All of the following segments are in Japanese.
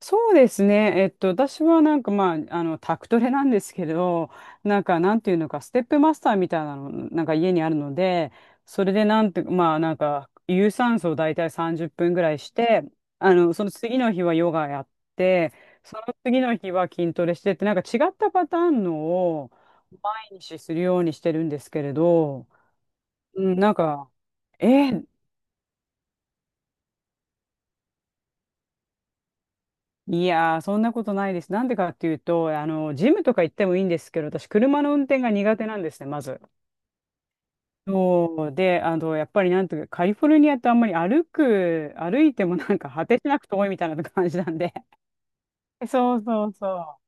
そうですね。私はなんかまあ、タクトレなんですけど、なんか、なんていうのか、ステップマスターみたいなの、なんか家にあるので、それでなんて、まあ、なんか、有酸素を大体30分ぐらいして、その次の日はヨガやって、その次の日は筋トレしてって、なんか違ったパターンのを毎日するようにしてるんですけれど、うん、なんか、えーいやー、そんなことないです。なんでかっていうと、ジムとか行ってもいいんですけど、私、車の運転が苦手なんですね、まず。そうで、やっぱりなんというか、カリフォルニアってあんまり歩いてもなんか果てしなく遠いみたいな感じなんで。そうそうそう。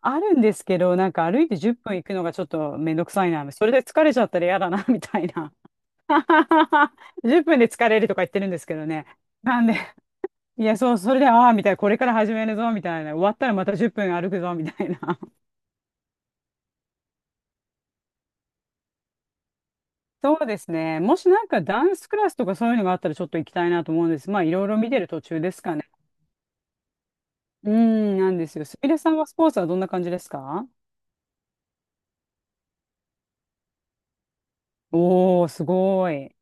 あるんですけど、なんか歩いて10分行くのがちょっとめんどくさいな、それで疲れちゃったら嫌だな、みたいな。10分で疲れるとか言ってるんですけどね。なんで、いや、そう、それで、ああ、みたいな、これから始めるぞ、みたいな、終わったらまた10分歩くぞ、みたいな。そうですね。もしなんかダンスクラスとかそういうのがあったらちょっと行きたいなと思うんです。まあいろいろ見てる途中ですかね。うん、なんですよ。すみれさんはスポーツはどんな感じですか？おー、すごい。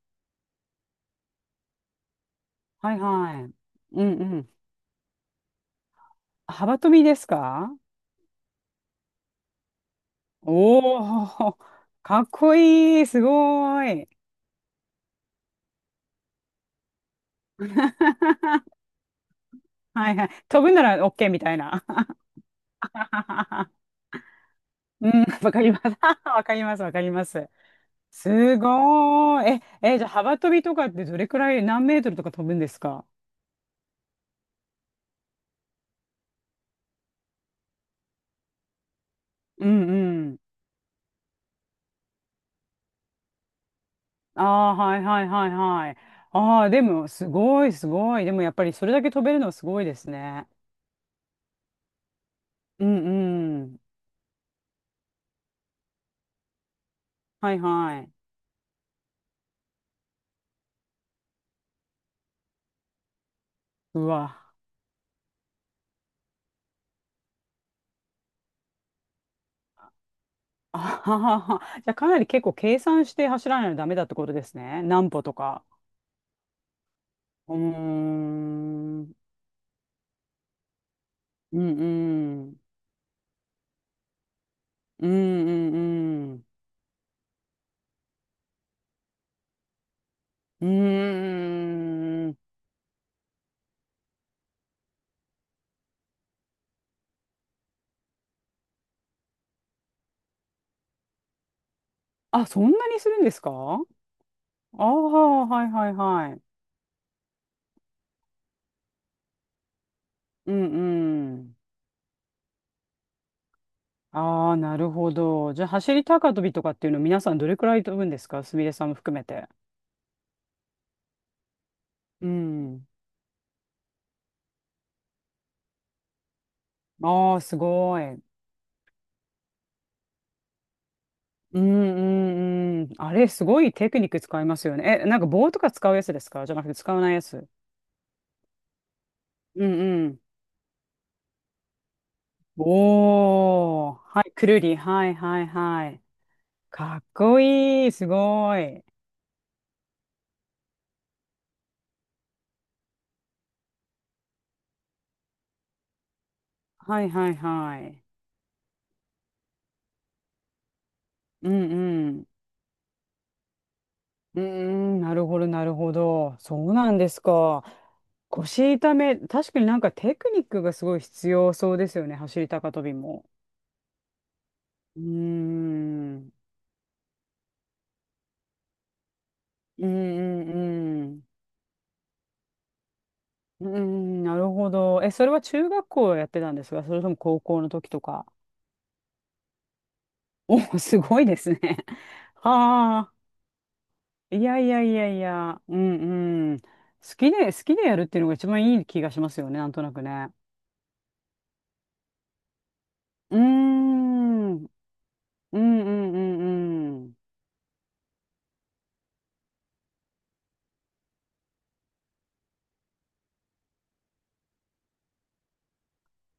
はいはい。うんうん。幅跳びですか？おー、かっこいい。すごい。はいはい。飛ぶなら OK みたいな。うん、わかります。わかります、わかります。すごーい。え、え、じゃあ幅跳びとかってどれくらい何メートルとか飛ぶんですか？うんうん。ああ、はいはいはいはい。ああ、でも、すごいすごい。でも、やっぱりそれだけ飛べるのはすごいですね。うんうん。はいはい。うわ。あははは。じゃあ、かなり結構計算して走らないとダメだってことですね。何歩とか。うーん。うんうん。うんうんうん。うーん。あ、そんなにするんですか？ああー、はいはいはい。うんうん。ああ、なるほど。じゃあ、走り高跳びとかっていうの皆さんどれくらい飛ぶんですか？すみれさんも含めて。うん。ああ、すごい。うんうんうん。あれ、すごいテクニック使いますよね。え、なんか棒とか使うやつですか？じゃなくて使わないやつ。うんうん。おー。はい、くるり。はいはいはい。かっこいい。すごい。はいはいはい。うんうん。うーん、なるほど、なるほど。そうなんですか。腰痛め、確かになんかテクニックがすごい必要そうですよね、走り高跳びも。うーん、うんうんうん。うーん、なるほど。え、それは中学校やってたんですか？それとも高校の時とか。お、すごいですね。はあ、いやいやいやいや、うんうん。好きで、好きでやるっていうのが一番いい気がしますよね、なんとなくね。うーん、うんうんうんうん。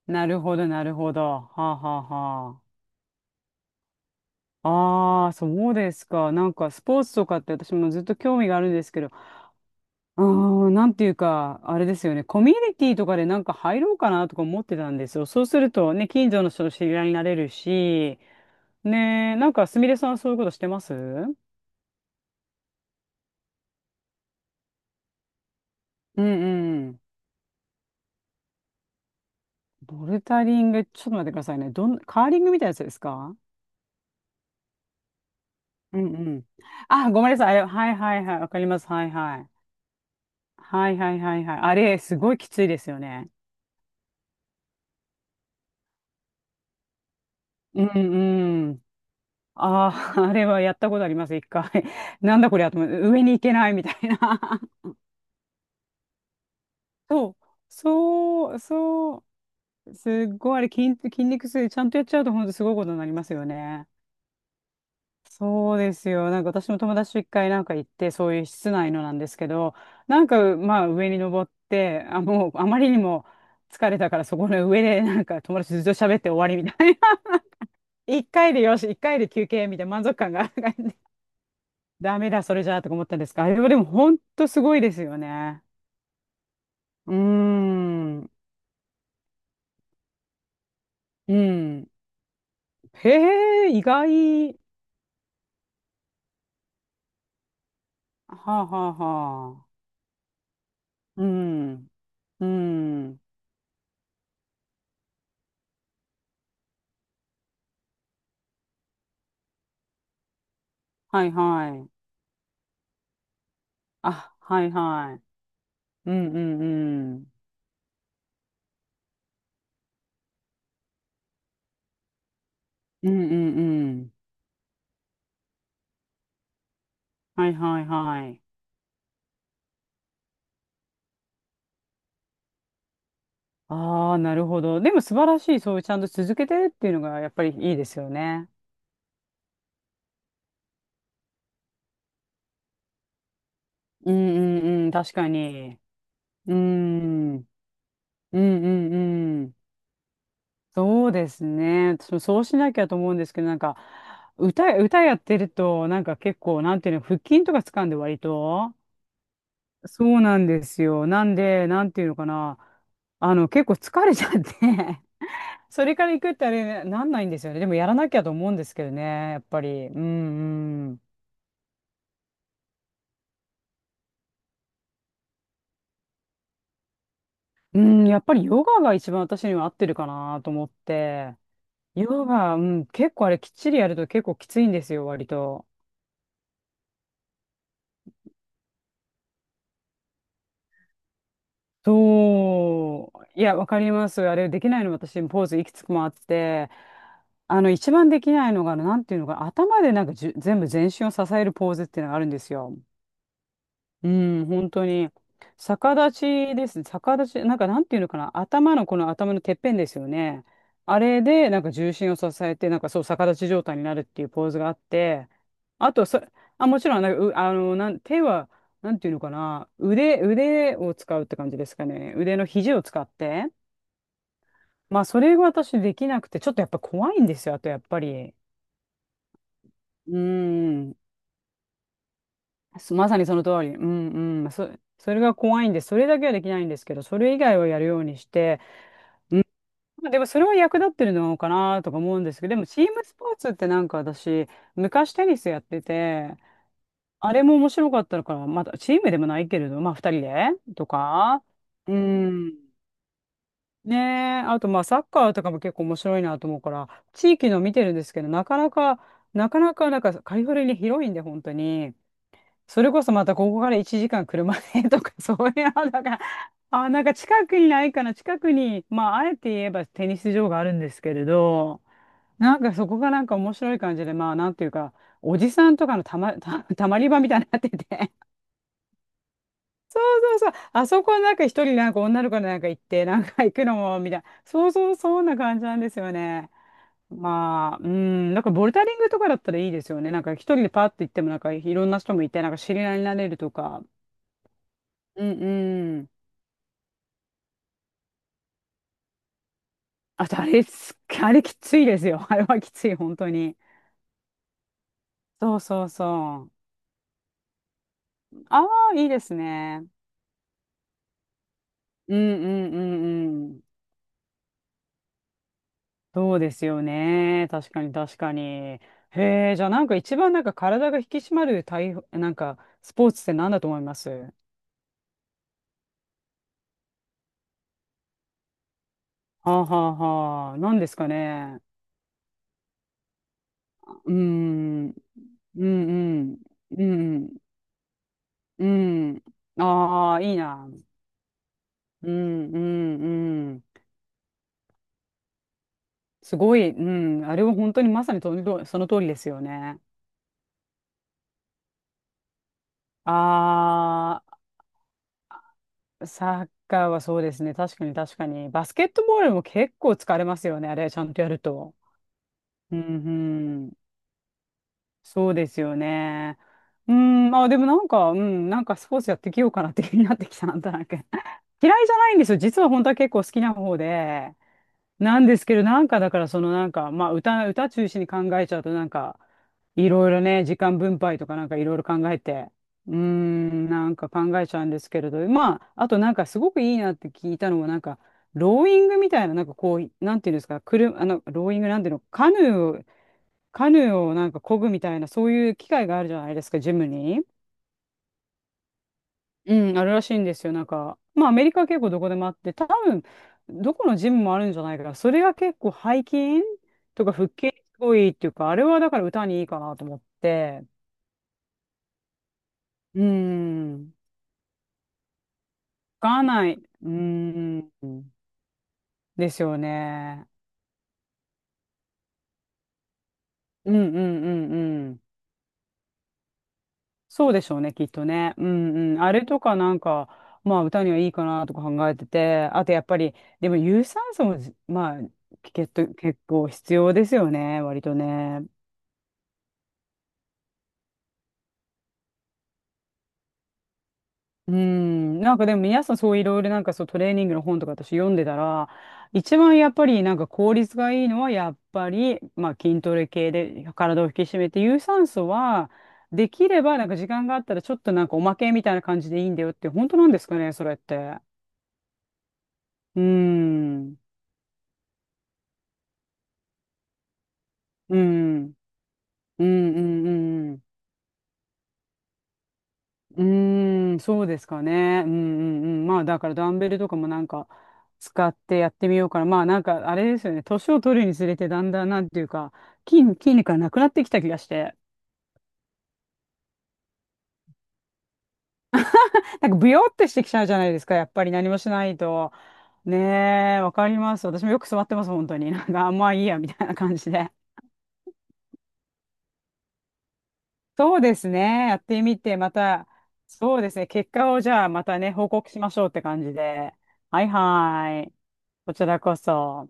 なるほど、なるほど。はあ、はあ、はあ。ああ、そうですか。なんか、スポーツとかって私もずっと興味があるんですけど、うーん、なんていうか、あれですよね。コミュニティとかでなんか入ろうかなとか思ってたんですよ。そうするとね、近所の人と知り合いになれるし、ねえ、なんか、すみれさんはそういうことしてます？うんうん。ボルダリング、ちょっと待ってくださいね。どん、カーリングみたいなやつですか？うんうん。あ、ごめんなさい。あれはいはいはい。わかります。はいはい。はいはいはいはい。あれ、すごいきついですよね。うんうん。ああ、あれはやったことあります、一回。なんだこれやと思って、上に行けないみたいな。そう、そう、そう、すっごいあれ筋肉痛、ちゃんとやっちゃうと本当すごいことになりますよね。そうですよ。なんか私も友達と一回なんか行って、そういう室内のなんですけど、なんかまあ上に登って、あ、もうあまりにも疲れたからそこの上でなんか友達とずっと喋って終わりみたい一回でよし、一回で休憩みたいな満足感が ダメだ、それじゃあとか思ったんですが、あれはでも本当すごいですよね。うーん。うん。へえ、意外。はあ、はあはあ。うん。うん。はいはい。あ、はいはい。うんうんうん。うんうんうん。はいはいはい。ああ、なるほど。でも素晴らしい、そういうちゃんと続けてるっていうのがやっぱりいいですよね。うんうんうん、確かに。うん。うんうんうん。そうですね。私もそうしなきゃと思うんですけど、なんか、歌やってると、なんか結構、なんていうの、腹筋とか掴んで割と。そうなんですよ。なんで、なんていうのかな。結構疲れちゃって それから行くってあれ、なんないんですよね。でもやらなきゃと思うんですけどね、やっぱり。うんうん。うん、やっぱりヨガが一番私には合ってるかなと思って。ヨガ、うん、結構あれきっちりやると結構きついんですよ、割と。そう。いや、わかります。あれできないの私、ポーズいくつもあって、一番できないのが、なんていうのかな、頭でなんか全部全身を支えるポーズっていうのがあるんですよ。うん、本当に。逆立ちですね。逆立ち、なんかなんていうのかな。この頭のてっぺんですよね。あれで、なんか重心を支えて、なんかそう逆立ち状態になるっていうポーズがあって、あとそ、あ、もちろん、なんか、手は、なんていうのかな。腕を使うって感じですかね。腕の肘を使って。まあ、それが私できなくて、ちょっとやっぱ怖いんですよ。あと、やっぱり。うん。すまさにその通り。うんうん。それが怖いんで、それだけはできないんですけど、それ以外はやるようにして、まあでもそれは役立ってるのかなとか思うんですけど、でもチームスポーツってなんか私、昔テニスやってて、あれも面白かったのから、またチームでもないけれど、まあ二人でとか、うん。ねえ、あとまあサッカーとかも結構面白いなと思うから、地域の見てるんですけど、なかなか、なんかカリフォルニア広いんで、本当に。それこそまたここから1時間車で とか、そういうのだから、なんか近くにないかな、近くに、まあ、あえて言えばテニス場があるんですけれど、なんかそこがなんか面白い感じで、まあ、なんていうか、おじさんとかのたまり場みたいになってて、そうそう、あそこなんか一人なんか女の子なんか行って、なんか行くのも、みたいな、そうそう、そんな感じなんですよね。まあ、うん、なんかボルダリングとかだったらいいですよね。なんか一人でパッと行っても、なんかいろんな人もいて、なんか知り合いになれるとか。うん。あと、あれす、あれきついですよ。あれはきつい、本当に。そうそうそう。ああ、いいですね。うんうんうんうん。そうですよね。確かに確かに。へえ、じゃあなんか一番なんか体が引き締まる体、なんかスポーツって何だと思いますはあはあはあ。何ですかね。うーん。うんうん。うんうん。うん。ああ、いいな。うんうんうん。すごい、うん、あれは本当にまさにとりその通りですよね。あー、サッカーはそうですね。確かに確かに。バスケットボールも結構疲れますよね。あれ、ちゃんとやると。うん、うん。そうですよね。うん、まあでもなんか、うん、なんかスポーツやってきようかなって気になってきた、なんとなく。嫌いじゃないんですよ。実は本当は結構好きな方で。なんですけど、なんかだから、そのなんか、まあ歌中心に考えちゃうと、なんか、いろいろね、時間分配とかなんかいろいろ考えて、うーん、なんか考えちゃうんですけれど、まあ、あとなんかすごくいいなって聞いたのは、なんか、ローイングみたいな、なんかこう、なんていうんですか、くあの、ローイングなんていうの、カヌーをなんか漕ぐみたいな、そういう機械があるじゃないですか、ジムに。うん、あるらしいんですよ。なんか、まあ、アメリカは結構どこでもあって、多分、どこのジムもあるんじゃないかな。それが結構背筋とか腹筋にすごいっていうか、あれはだから歌にいいかなと思って。うん。がない。うーん。ですよね。うんうんうんうん。そうでしょうね、きっとね。うんうん。あれとかなんか、まあ歌にはいいかなとか考えてて、あとやっぱり、でも有酸素もまあ、結構必要ですよね、割とね。うん、なんかでも皆さんそういろいろなんかそうトレーニングの本とか私読んでたら、一番やっぱりなんか効率がいいのはやっぱり、まあ筋トレ系で体を引き締めて、有酸素はできればなんか時間があったらちょっとなんかおまけみたいな感じでいいんだよって、本当なんですかね、それって。うん、うん、うん、うん、うん。うーん、そうですかね。うんうんうん。まあ、だからダンベルとかもなんか使ってやってみようから、まあなんかあれですよね。年を取るにつれてだんだんなんていうか、筋肉がなくなってきた気がして。なんかブヨってしてきちゃうじゃないですか。やっぱり何もしないと。ねえ、わかります。私もよく座ってます、本当に。なんか、あまあいいや、みたいな感じで。そうですね。やってみて、また、そうですね。結果をじゃあまたね、報告しましょうって感じで。はいはい。こちらこそ。